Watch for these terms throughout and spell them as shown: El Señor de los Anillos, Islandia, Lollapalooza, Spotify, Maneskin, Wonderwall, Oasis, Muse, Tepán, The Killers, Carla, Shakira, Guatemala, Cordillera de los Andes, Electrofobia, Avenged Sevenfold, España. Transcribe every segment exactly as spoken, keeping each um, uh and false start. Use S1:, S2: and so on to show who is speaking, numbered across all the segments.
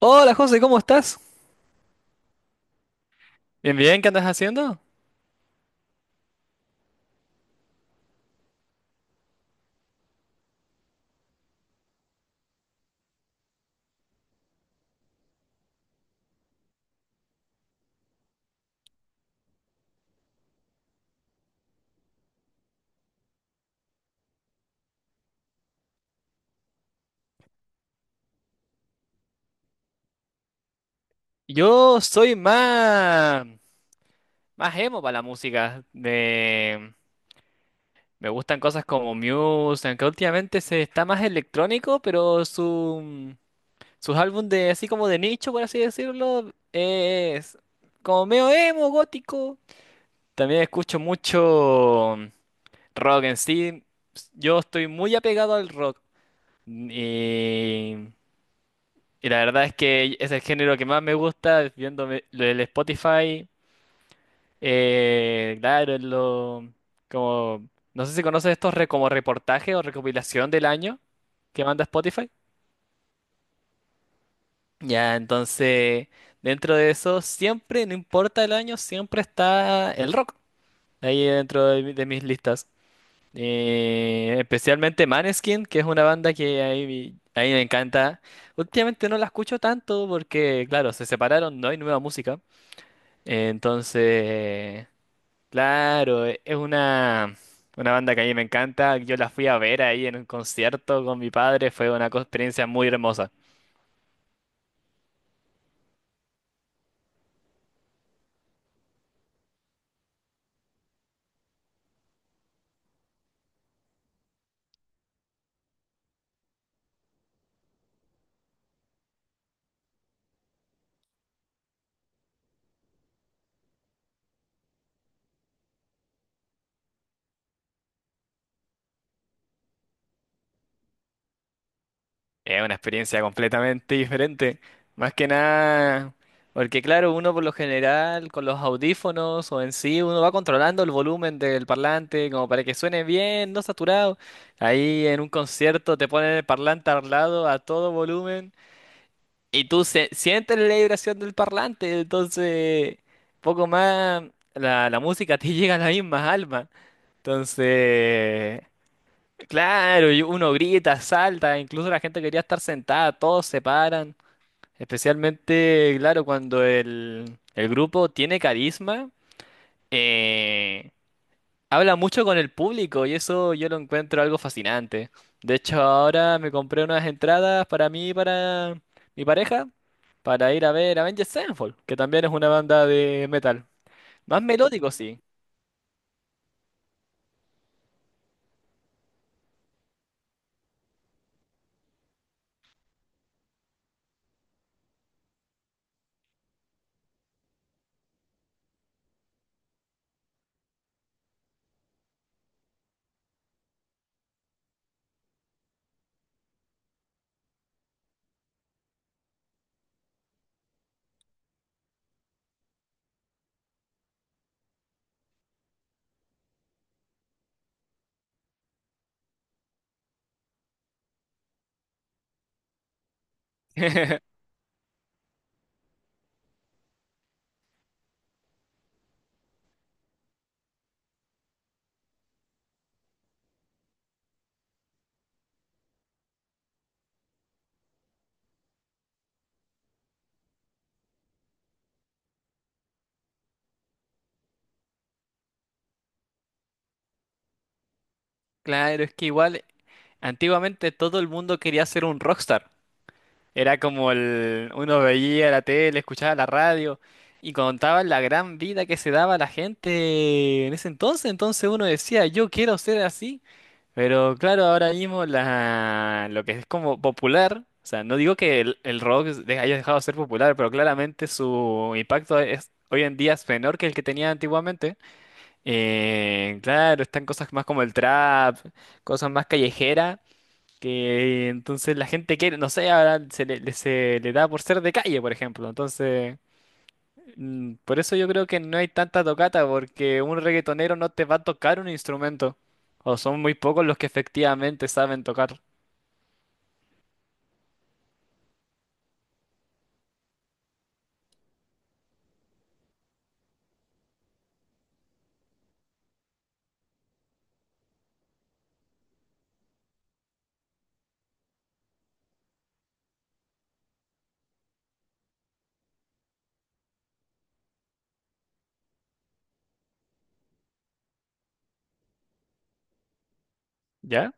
S1: Hola José, ¿cómo estás? Bien, bien, ¿qué andas haciendo? Yo soy más, más emo para la música. Me, me gustan cosas como Muse, aunque últimamente se está más electrónico, pero su, sus álbumes de así como de nicho, por así decirlo, es como medio emo, gótico. También escucho mucho rock en sí. Yo estoy muy apegado al rock. Y Y la verdad es que es el género que más me gusta, viéndome lo del Spotify. Eh, claro, en lo, como, no sé si conoces estos re- como reportaje o recopilación del año que manda Spotify. Ya, entonces, dentro de eso, siempre, no importa el año, siempre está el rock ahí dentro de, mi- de mis listas. Eh, especialmente Maneskin, que es una banda que ahí, vi- ahí me encanta. Últimamente no la escucho tanto porque, claro, se separaron, no hay nueva música. Entonces, claro, e- es una, una banda que a mí me encanta. Yo la fui a ver ahí en un concierto con mi padre. Fue una co- experiencia muy hermosa. Es una experiencia completamente diferente. Más que nada, porque claro, uno por lo general con los audífonos o en sí, uno va controlando el volumen del parlante como para que suene bien, no saturado. Ahí en un concierto te ponen el parlante al lado a todo volumen. Y tú se- sientes la vibración del parlante, entonces poco más la, la música te llega a las mismas almas. Entonces, claro, y uno grita, salta, incluso la gente quería estar sentada, todos se paran. Especialmente, claro, cuando el, el grupo tiene carisma, eh, habla mucho con el público y eso yo lo encuentro algo fascinante. De hecho, ahora me compré unas entradas para mí y para mi pareja para ir a ver Avenged Sevenfold, que también es una banda de metal. Más melódico, sí. Claro, es que igual antiguamente todo el mundo quería ser un rockstar. Era como el uno veía la tele, escuchaba la radio y contaban la gran vida que se daba a la gente en ese entonces. Entonces uno decía, yo quiero ser así. Pero claro, ahora mismo la, lo que es como popular, o sea, no digo que el, el rock de- haya dejado de ser popular, pero claramente su impacto es hoy en día es menor que el que tenía antiguamente. Eh, claro, están cosas más como el trap, cosas más callejeras, que entonces la gente quiere, no sé, ahora se le, le- se le da por ser de calle, por ejemplo. Entonces, Mm, por eso yo creo que no hay tanta tocata, porque un reggaetonero no te va a tocar un instrumento. O son muy pocos los que efectivamente saben tocar. ¿Ya?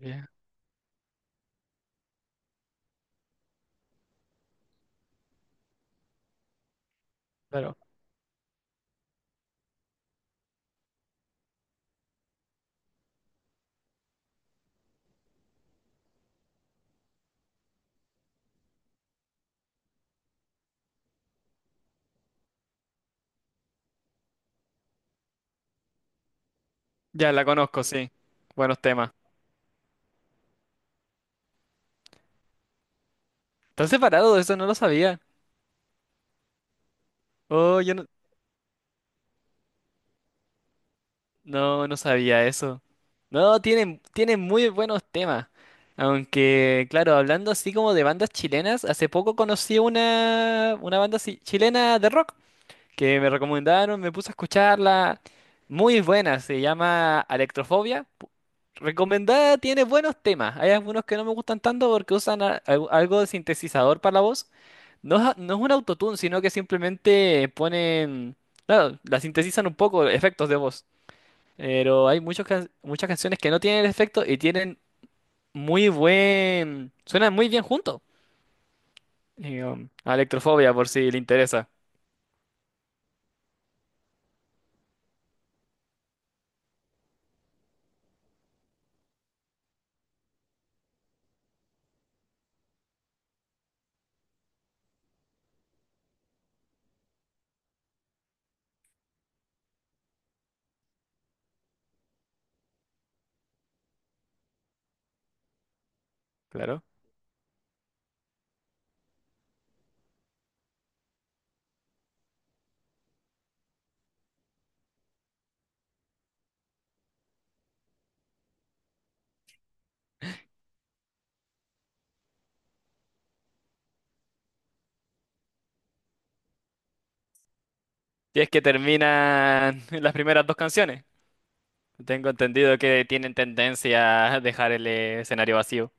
S1: Ya, claro. Ya la conozco, sí. Buenos temas. ¿Están separados? Eso no lo sabía. Oh, yo no. No, no sabía eso. No, tienen, tienen muy buenos temas. Aunque, claro, hablando así como de bandas chilenas, hace poco conocí una, una banda así- chilena de rock que me recomendaron, me puse a escucharla. Muy buena, se llama Electrofobia. Pu- Recomendada, tiene buenos temas. Hay algunos que no me gustan tanto porque usan a- al- algo de sintetizador para la voz. No es, a- no es un autotune, sino que simplemente ponen, claro, la sintetizan un poco, efectos de voz. Pero hay muchos can- muchas canciones que no tienen efecto y tienen muy buen, suenan muy bien juntos. Y, um, a Electrofobia, por si le interesa. Claro. Si es que terminan las primeras dos canciones. Tengo entendido que tienen tendencia a dejar el eh, escenario vacío.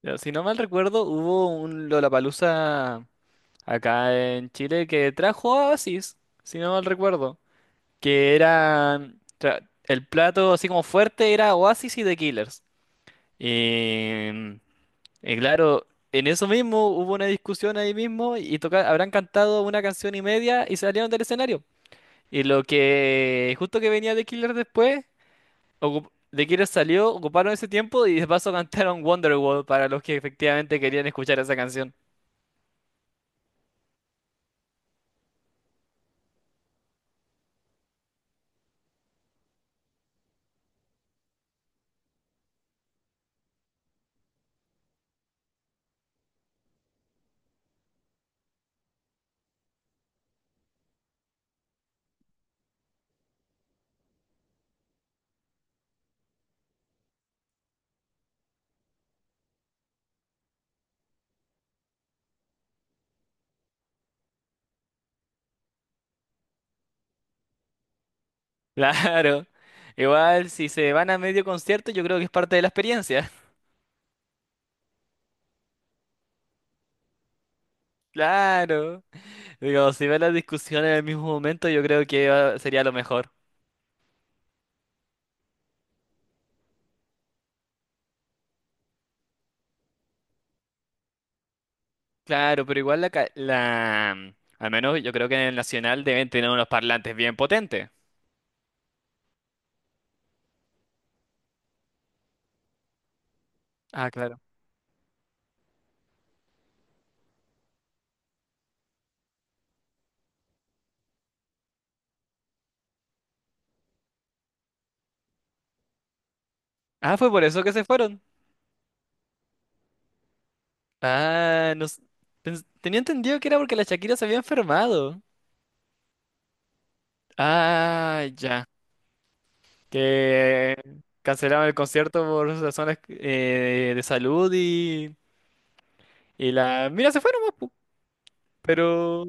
S1: Pero si no mal recuerdo, hubo un Lollapalooza acá en Chile que trajo a Oasis, si no mal recuerdo. Que era... tra- el plato así como fuerte era Oasis y The Killers. Y, y claro, en eso mismo hubo una discusión ahí mismo y toca- habrán cantado una canción y media y salieron del escenario. Y lo que justo que venía The Killer después, ocup- The Killer salió, ocuparon ese tiempo y de paso cantaron Wonderwall para los que efectivamente querían escuchar esa canción. Claro. Igual si se van a medio concierto, yo creo que es parte de la experiencia. Claro. Digo, si ven la discusión en el mismo momento, yo creo que va- sería lo mejor. Claro, pero igual la, ca- la... Al menos yo creo que en el Nacional deben tener unos parlantes bien potentes. Ah, claro. Ah, fue por eso que se fueron. Ah, no s- pens- tenía entendido que era porque la Shakira se había enfermado. Ah, ya. Que cancelaron el concierto por razones eh, de salud y, y la... Mira, se fueron más, pu. Pero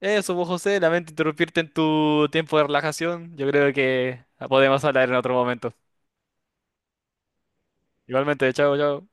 S1: eso, vos, José, lamento interrumpirte en tu tiempo de relajación. Yo creo que podemos hablar en otro momento. Igualmente, chao, chao.